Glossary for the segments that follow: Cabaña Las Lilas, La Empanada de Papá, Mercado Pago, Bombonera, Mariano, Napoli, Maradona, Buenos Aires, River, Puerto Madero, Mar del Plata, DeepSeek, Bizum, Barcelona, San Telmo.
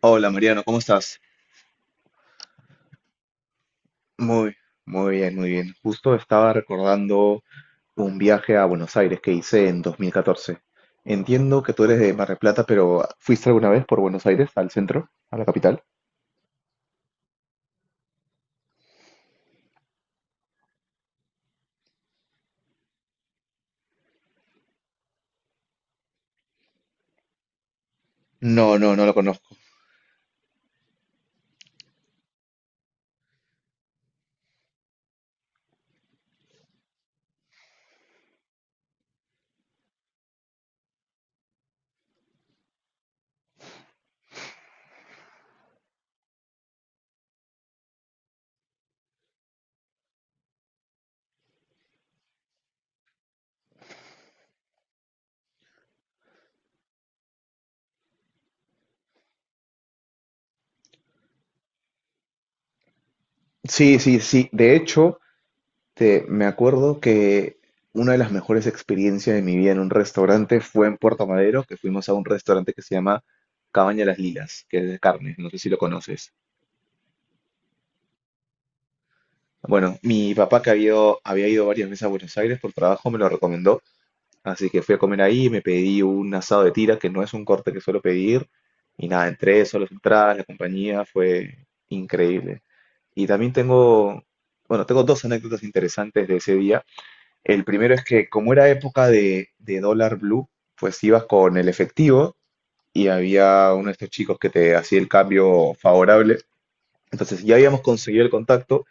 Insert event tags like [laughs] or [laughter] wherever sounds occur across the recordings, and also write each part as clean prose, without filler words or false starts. Hola Mariano, ¿cómo estás? Muy, muy bien, muy bien. Justo estaba recordando un viaje a Buenos Aires que hice en 2014. Entiendo que tú eres de Mar del Plata, pero ¿fuiste alguna vez por Buenos Aires, al centro, a la capital? No, no, no lo conozco. Sí, sí, sí. De hecho, me acuerdo que una de las mejores experiencias de mi vida en un restaurante fue en Puerto Madero, que fuimos a un restaurante que se llama Cabaña Las Lilas, que es de carne. No sé si lo conoces. Bueno, mi papá que había ido varias veces a Buenos Aires por trabajo me lo recomendó, así que fui a comer ahí, me pedí un asado de tira, que no es un corte que suelo pedir, y nada, entré, solo las entradas, la compañía, fue increíble. Y también tengo dos anécdotas interesantes de ese día. El primero es que como era época de dólar blue, pues ibas con el efectivo y había uno de estos chicos que te hacía el cambio favorable. Entonces ya habíamos conseguido el contacto.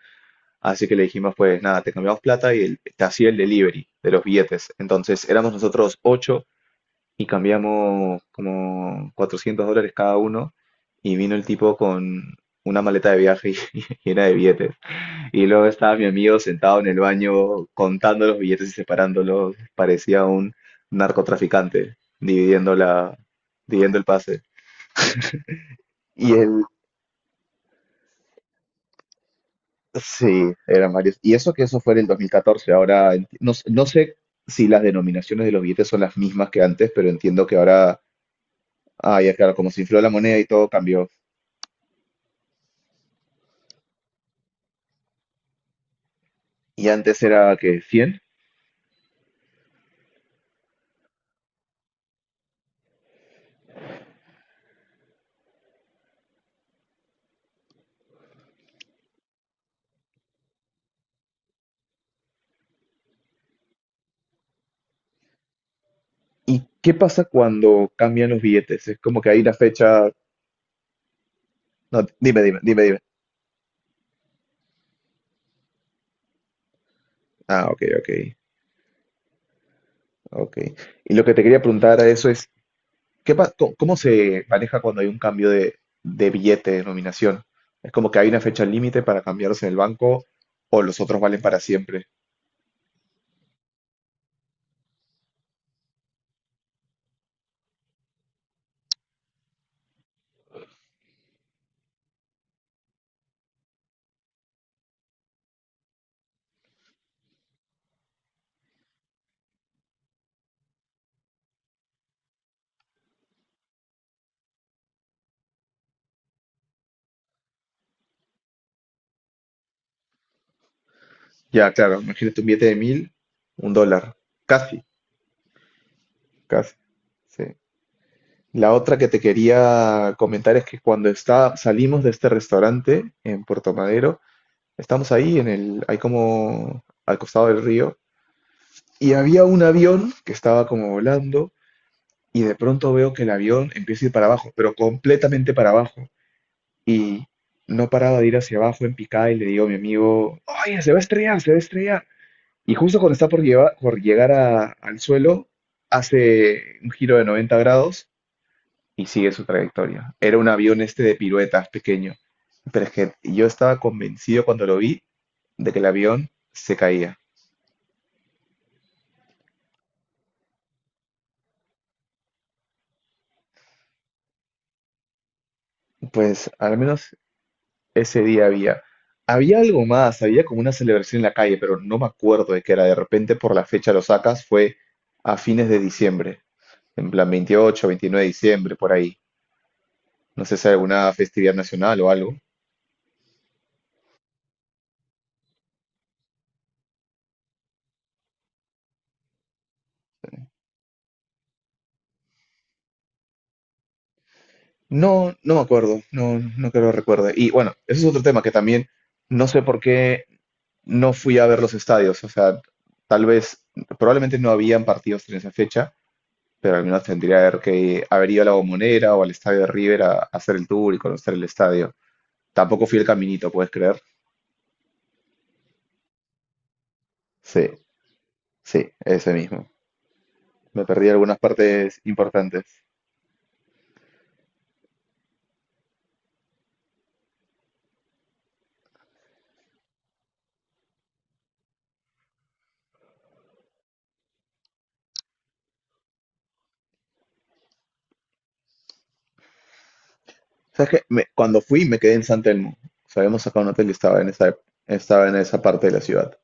Así que le dijimos, pues nada, te cambiamos plata y él te hacía el delivery de los billetes. Entonces éramos nosotros ocho y cambiamos como $400 cada uno y vino el tipo con una maleta de viaje [laughs] llena de billetes. Y luego estaba mi amigo sentado en el baño contando los billetes y separándolos. Parecía un narcotraficante dividiendo el pase. Y el, Sí, eran varios. Y eso que eso fue en el 2014. Ahora, enti- no, s- No sé si las denominaciones de los billetes son las mismas que antes, pero entiendo que ahora, ah, ya claro, como se infló la moneda y todo cambió. Y antes era que 100. ¿Y qué pasa cuando cambian los billetes? Es como que hay una fecha. No, dime. Ah, ok. Y lo que te quería preguntar a eso es, ¿Cómo se maneja cuando hay un cambio de billete de denominación? ¿Es como que hay una fecha límite para cambiarlos en el banco o los otros valen para siempre? Ya, claro, imagínate un billete de 1000, un dólar, casi, casi. Sí. La otra que te quería comentar es que salimos de este restaurante en Puerto Madero, estamos ahí hay como al costado del río, y había un avión que estaba como volando y de pronto veo que el avión empieza a ir para abajo, pero completamente para abajo. Y no paraba de ir hacia abajo en picada y le digo a mi amigo, oye, se va a estrellar, se va a estrellar. Y justo cuando está por, lleva- por llegar al suelo, hace un giro de 90 grados y sigue su trayectoria. Era un avión este de piruetas pequeño, pero es que yo estaba convencido cuando lo vi de que el avión se caía. Pues al menos ese día había. Había algo más, había como una celebración en la calle, pero no me acuerdo de qué era. De repente, por la fecha lo sacas, fue a fines de diciembre, en plan 28, 29 de diciembre, por ahí. No sé si hay alguna festividad nacional o algo. No, no me acuerdo, no, no creo que lo recuerde. Y bueno, ese es otro tema que también no sé por qué no fui a ver los estadios. O sea, tal vez, probablemente no habían partidos en esa fecha, pero al menos tendría que haber ido a la Bombonera o al estadio de River a hacer el tour y conocer el estadio. Tampoco fui el caminito, ¿puedes creer? Sí, sí, ese mismo. Me perdí algunas partes importantes. ¿Sabes qué? Cuando fui me quedé en San Telmo. O sea, habíamos sacado un hotel que estaba en estaba en esa parte de la ciudad.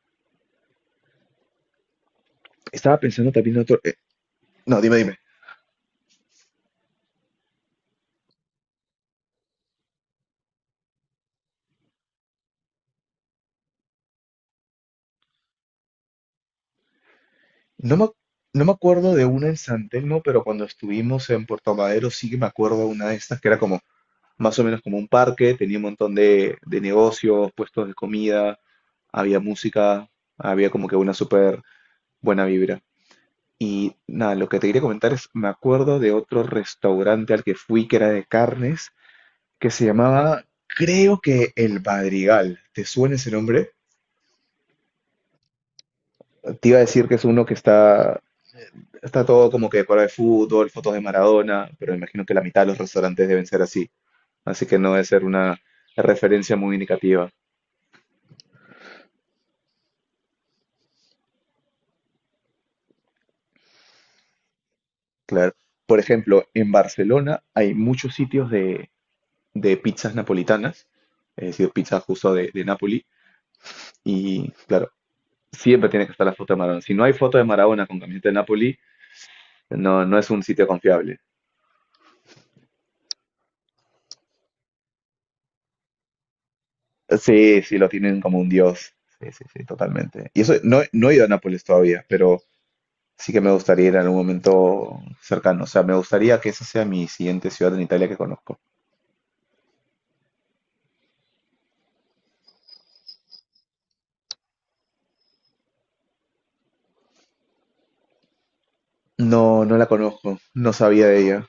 Estaba pensando también en no, dime. No me, no me acuerdo de una en San Telmo, pero cuando estuvimos en Puerto Madero sí que me acuerdo de una de estas que era como más o menos como un parque, tenía un montón de negocios, puestos de comida, había música, había como que una súper buena vibra. Y nada, lo que te quería comentar es, me acuerdo de otro restaurante al que fui que era de carnes, que se llamaba, creo que El Madrigal. ¿Te suena ese nombre? Te iba a decir que es uno está todo como que decorado de fútbol, fotos de Maradona, pero me imagino que la mitad de los restaurantes deben ser así. Así que no debe ser una referencia muy indicativa, claro. Por ejemplo, en Barcelona hay muchos sitios de pizzas napolitanas, es decir, pizza justo de Nápoli. Y claro, siempre tiene que estar la foto de Maradona. Si no hay foto de Maradona con camiseta de Napoli, no, no es un sitio confiable. Sí, sí, lo tienen como un dios. Sí, sí, sí, totalmente. Y eso, no, no he ido a Nápoles todavía, pero sí que me gustaría ir en algún momento cercano. O sea, me gustaría que esa sea mi siguiente ciudad en Italia que conozco. No, no la conozco, no sabía de ella.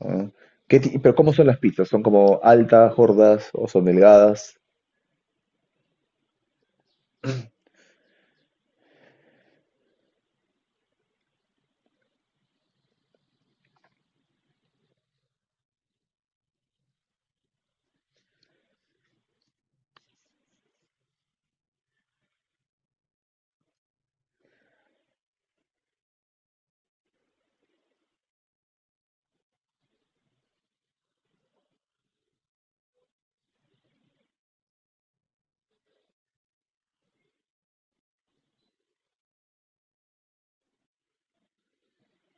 Ah, pero ¿cómo son las pizzas? ¿Son como altas, gordas o son delgadas?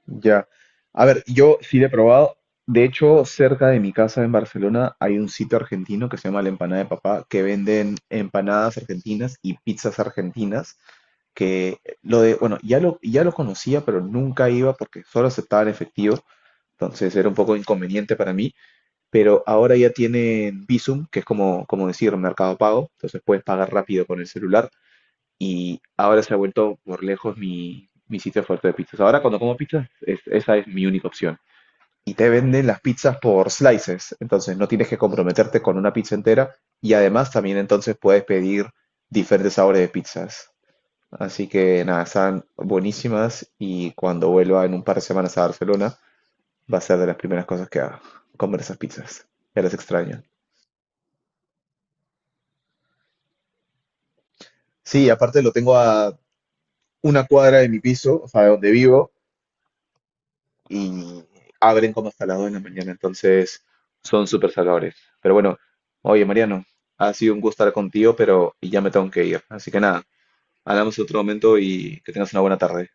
Ya. A ver, yo sí le he probado. De hecho, cerca de mi casa en Barcelona hay un sitio argentino que se llama La Empanada de Papá, que venden empanadas argentinas y pizzas argentinas, que lo de, bueno, ya lo conocía, pero nunca iba porque solo aceptaban efectivo, entonces era un poco inconveniente para mí, pero ahora ya tienen Bizum, que es como decir Mercado Pago, entonces puedes pagar rápido con el celular y ahora se ha vuelto por lejos mi sitio fuerte de pizzas. Ahora cuando como pizzas, esa es mi única opción. Y te venden las pizzas por slices, entonces no tienes que comprometerte con una pizza entera y además también entonces puedes pedir diferentes sabores de pizzas. Así que nada, están buenísimas y cuando vuelva en un par de semanas a Barcelona, va a ser de las primeras cosas que haga, comer esas pizzas. Ya las extraño. Sí, aparte lo tengo a una cuadra de mi piso, o sea, de donde vivo, y abren como salado en la mañana, entonces son súper salvadores. Pero bueno, oye Mariano, ha sido un gusto estar contigo, pero ya me tengo que ir. Así que nada, hablamos en otro momento y que tengas una buena tarde.